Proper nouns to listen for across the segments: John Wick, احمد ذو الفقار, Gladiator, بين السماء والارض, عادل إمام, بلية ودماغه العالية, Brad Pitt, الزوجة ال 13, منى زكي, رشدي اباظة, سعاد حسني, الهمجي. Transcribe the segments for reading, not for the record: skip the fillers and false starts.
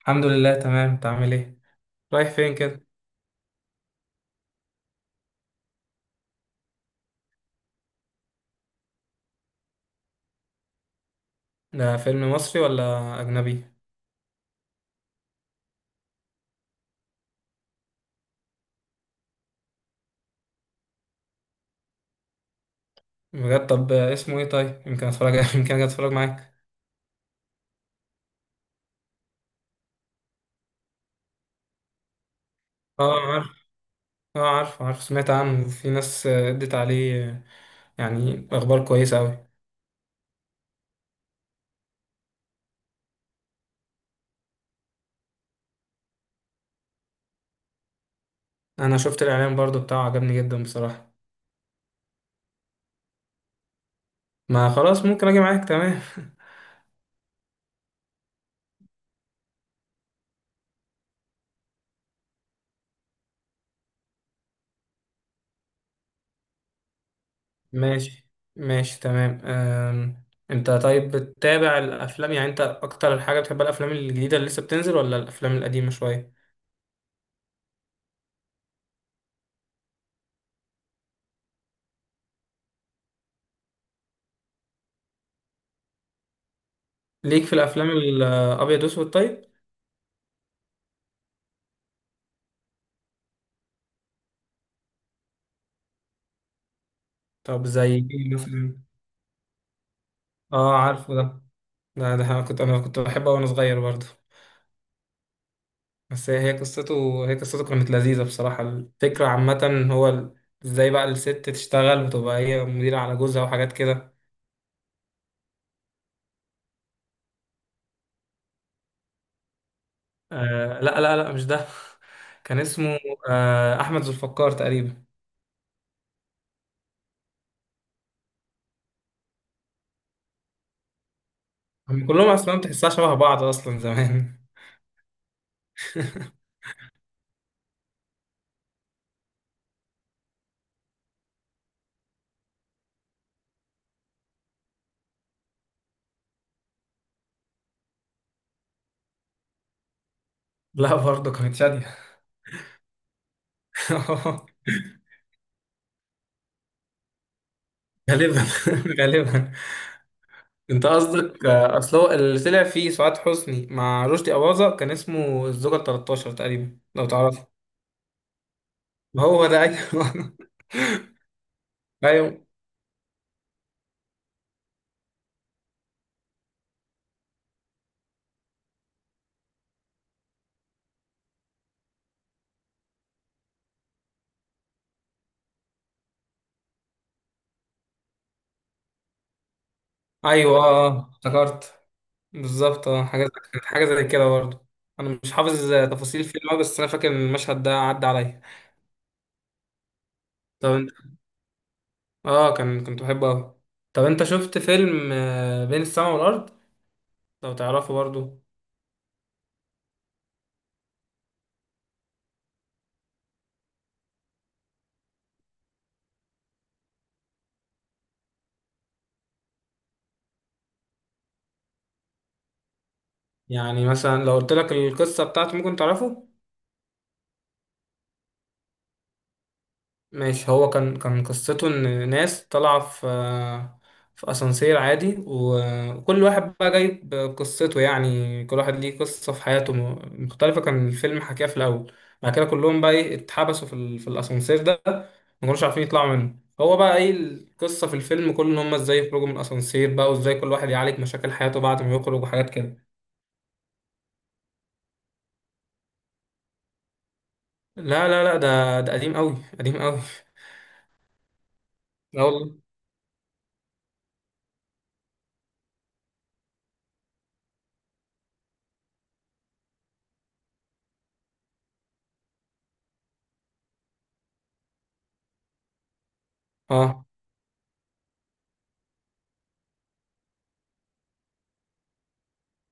الحمد لله تمام. انت عامل ايه؟ رايح فين كده؟ ده فيلم مصري ولا اجنبي؟ بجد؟ طب اسمه ايه؟ طيب يمكن اتفرج يمكن اجي اتفرج معاك. اه عارف. اه عارف سمعت عنه. في ناس ادت عليه، يعني اخبار كويسه قوي. انا شفت الاعلان برضو بتاعه، عجبني جدا بصراحه. ما خلاص ممكن اجي معاك، تمام ماشي. ماشي تمام. انت طيب بتتابع الافلام؟ يعني انت اكتر حاجه بتحب الافلام الجديده اللي لسه بتنزل ولا الافلام القديمه شويه؟ ليك في الافلام الابيض واسود طيب؟ طب زي ايه مثلا؟ اه عارفه ده. ده انا كنت بحبه وانا صغير برضه. بس هي قصته، قصته كانت لذيذه بصراحه. الفكره عامه هو ازاي بقى الست تشتغل وتبقى هي مديره على جوزها وحاجات كده. آه لا مش ده. كان اسمه آه احمد ذو الفقار تقريبا. هم كلهم اصلا تحسها شبه بعض اصلا زمان. لا برضه كانت شاديه. غالبا. غالبا. انت قصدك اصل هو اللي طلع فيه سعاد حسني مع رشدي اباظة كان اسمه الزوجة ال 13 تقريبا، لو تعرفه. هو ده، ايوه ايوه ايوه اه، افتكرت بالظبط. اه حاجه كانت حاجه زي كده برضه. انا مش حافظ تفاصيل الفيلم أوي، بس انا فاكر ان المشهد ده عدى عليا. طب انت، اه كان كنت بحبه قوي. طب انت شفت فيلم بين السماء والارض، لو تعرفه برضه؟ يعني مثلا لو قلت لك القصه بتاعته ممكن تعرفه. ماشي، هو كان قصته ان ناس طالعه في في اسانسير عادي وكل واحد بقى جايب قصته، يعني كل واحد ليه قصه في حياته مختلفه، كان الفيلم حكاها في الاول. بعد كده كلهم بقى ايه، اتحبسوا في الاسانسير ده، ما كانوش عارفين يطلعوا منه. هو بقى ايه القصه في الفيلم كله، ان هم ازاي يخرجوا من الاسانسير بقى، وازاي كل واحد يعالج مشاكل حياته بعد ما يخرج وحاجات كده. لا ده قديم قوي، قديم قوي. لا والله. اه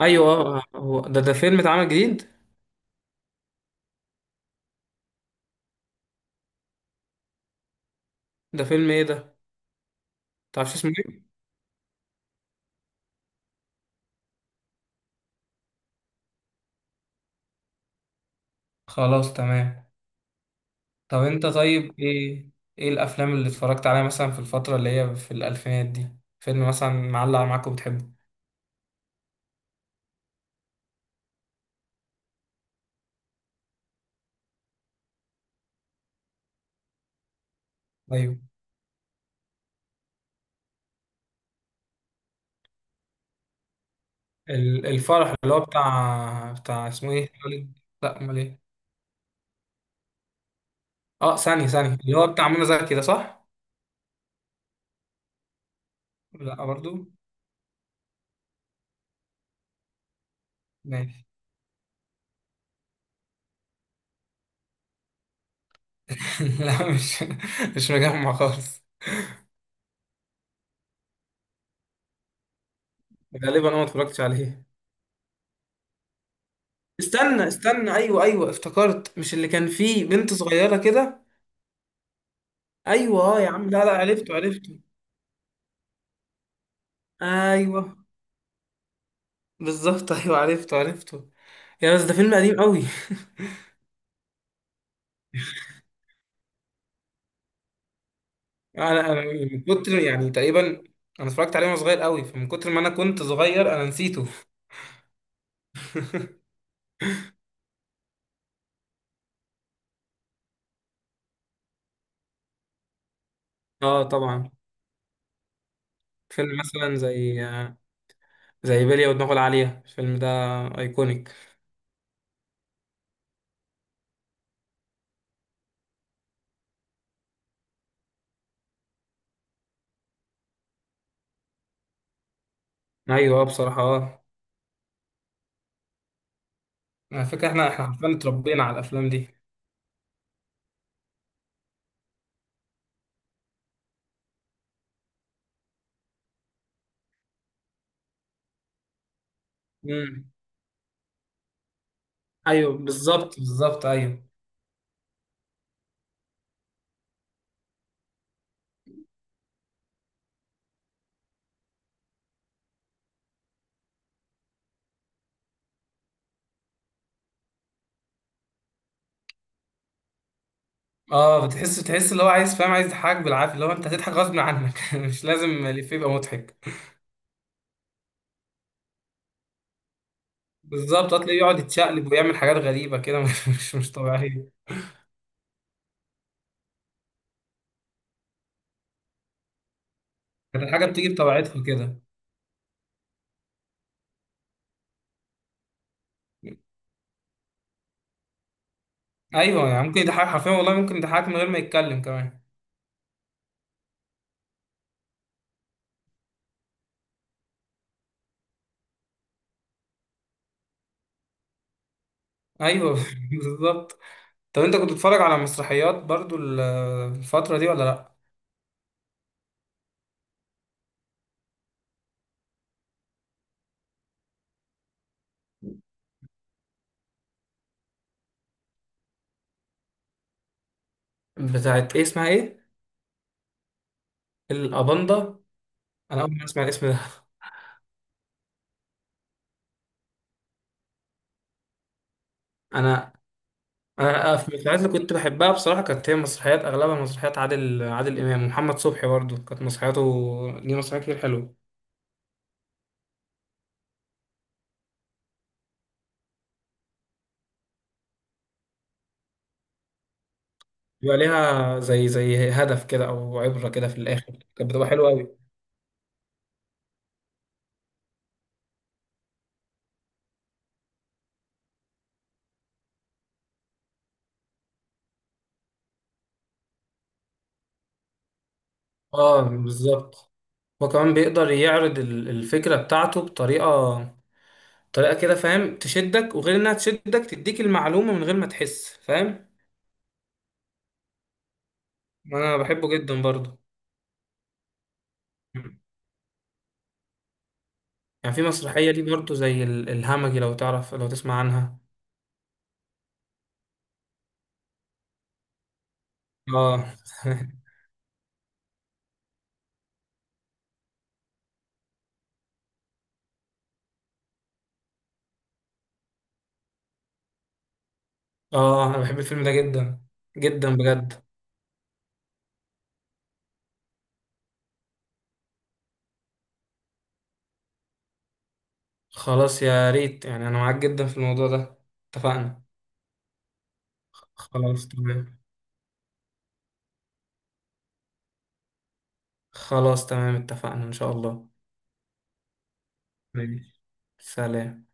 ايوه، هو ده، ده فيلم اتعمل جديد. ده فيلم ايه ده؟ متعرفش اسمه ايه؟ خلاص تمام. طب انت طيب ايه، ايه الافلام اللي اتفرجت عليها مثلا في الفتره اللي هي في الالفينات دي؟ فيلم مثلا معلق معاك وبتحبه؟ ايوه، الفرح اللي هو بتاع اسمه ايه، خالد؟ لا امال ايه؟ اه ثانيه ثانيه، اللي هو بتاع منى زكي ده صح؟ لا برضو؟ ماشي. لا مش، مش مجمع خالص. غالبا انا ما اتفرجتش عليه. استنى استنى، ايوه ايوه افتكرت، مش اللي كان فيه بنت صغيره كده؟ ايوه اه يا عم، لا عرفته عرفته. ايوه بالظبط ايوه عرفته عرفته. يا بس ده فيلم قديم قوي انا من كتر، يعني تقريبا انا اتفرجت عليه وانا صغير قوي، فمن كتر ما انا كنت صغير انا نسيته اه طبعا. فيلم مثلا زي بلية ودماغه العالية، الفيلم ده ايكونيك. ايوه، بصراحة اه، على فكرة احنا حرفيا اتربينا على الافلام دي. امم ايوه بالظبط، بالظبط ايوه. اه بتحس اللي هو عايز، فاهم، عايز يضحكك بالعافية، اللي هو انت هتضحك غصب عنك مش لازم الإفيه يبقى مضحك. بالظبط، هتلاقيه يقعد يتشقلب ويعمل حاجات غريبة كده مش طبيعية. كانت الحاجة بتيجي بطبيعتها كده. أيوه، يعني ممكن يضحك حرفيا، والله ممكن يضحك من غير ما يتكلم كمان. أيوه بالظبط. طب أنت كنت بتتفرج على مسرحيات برضو الفترة دي ولا لأ؟ بتاعت إيه؟ اسمها إيه؟ الأباندا؟ أنا أول مرة أسمع الاسم ده. أنا أنا في المسرحيات اللي كنت بحبها بصراحة، كانت هي مسرحيات، أغلبها مسرحيات عادل إمام. ومحمد صبحي برضو كانت مسرحياته دي مسرحيات كتير حلوة، بيبقى ليها زي هدف كده او عبره كده في الاخر، كانت بتبقى حلوه قوي. اه بالظبط. هو كمان بيقدر يعرض الفكره بتاعته بطريقه، طريقه كده فاهم تشدك، وغير انها تشدك تديك المعلومه من غير ما تحس، فاهم. انا بحبه جدا برضه. يعني في مسرحيه دي برضه زي الهمجي، لو تعرف لو تسمع عنها؟ اه اه، انا بحب الفيلم ده جدا جدا بجد. خلاص يا ريت، يعني انا معاك جدا في الموضوع ده، اتفقنا. خلاص تمام. خلاص تمام اتفقنا إن شاء الله. ماشي. سلام.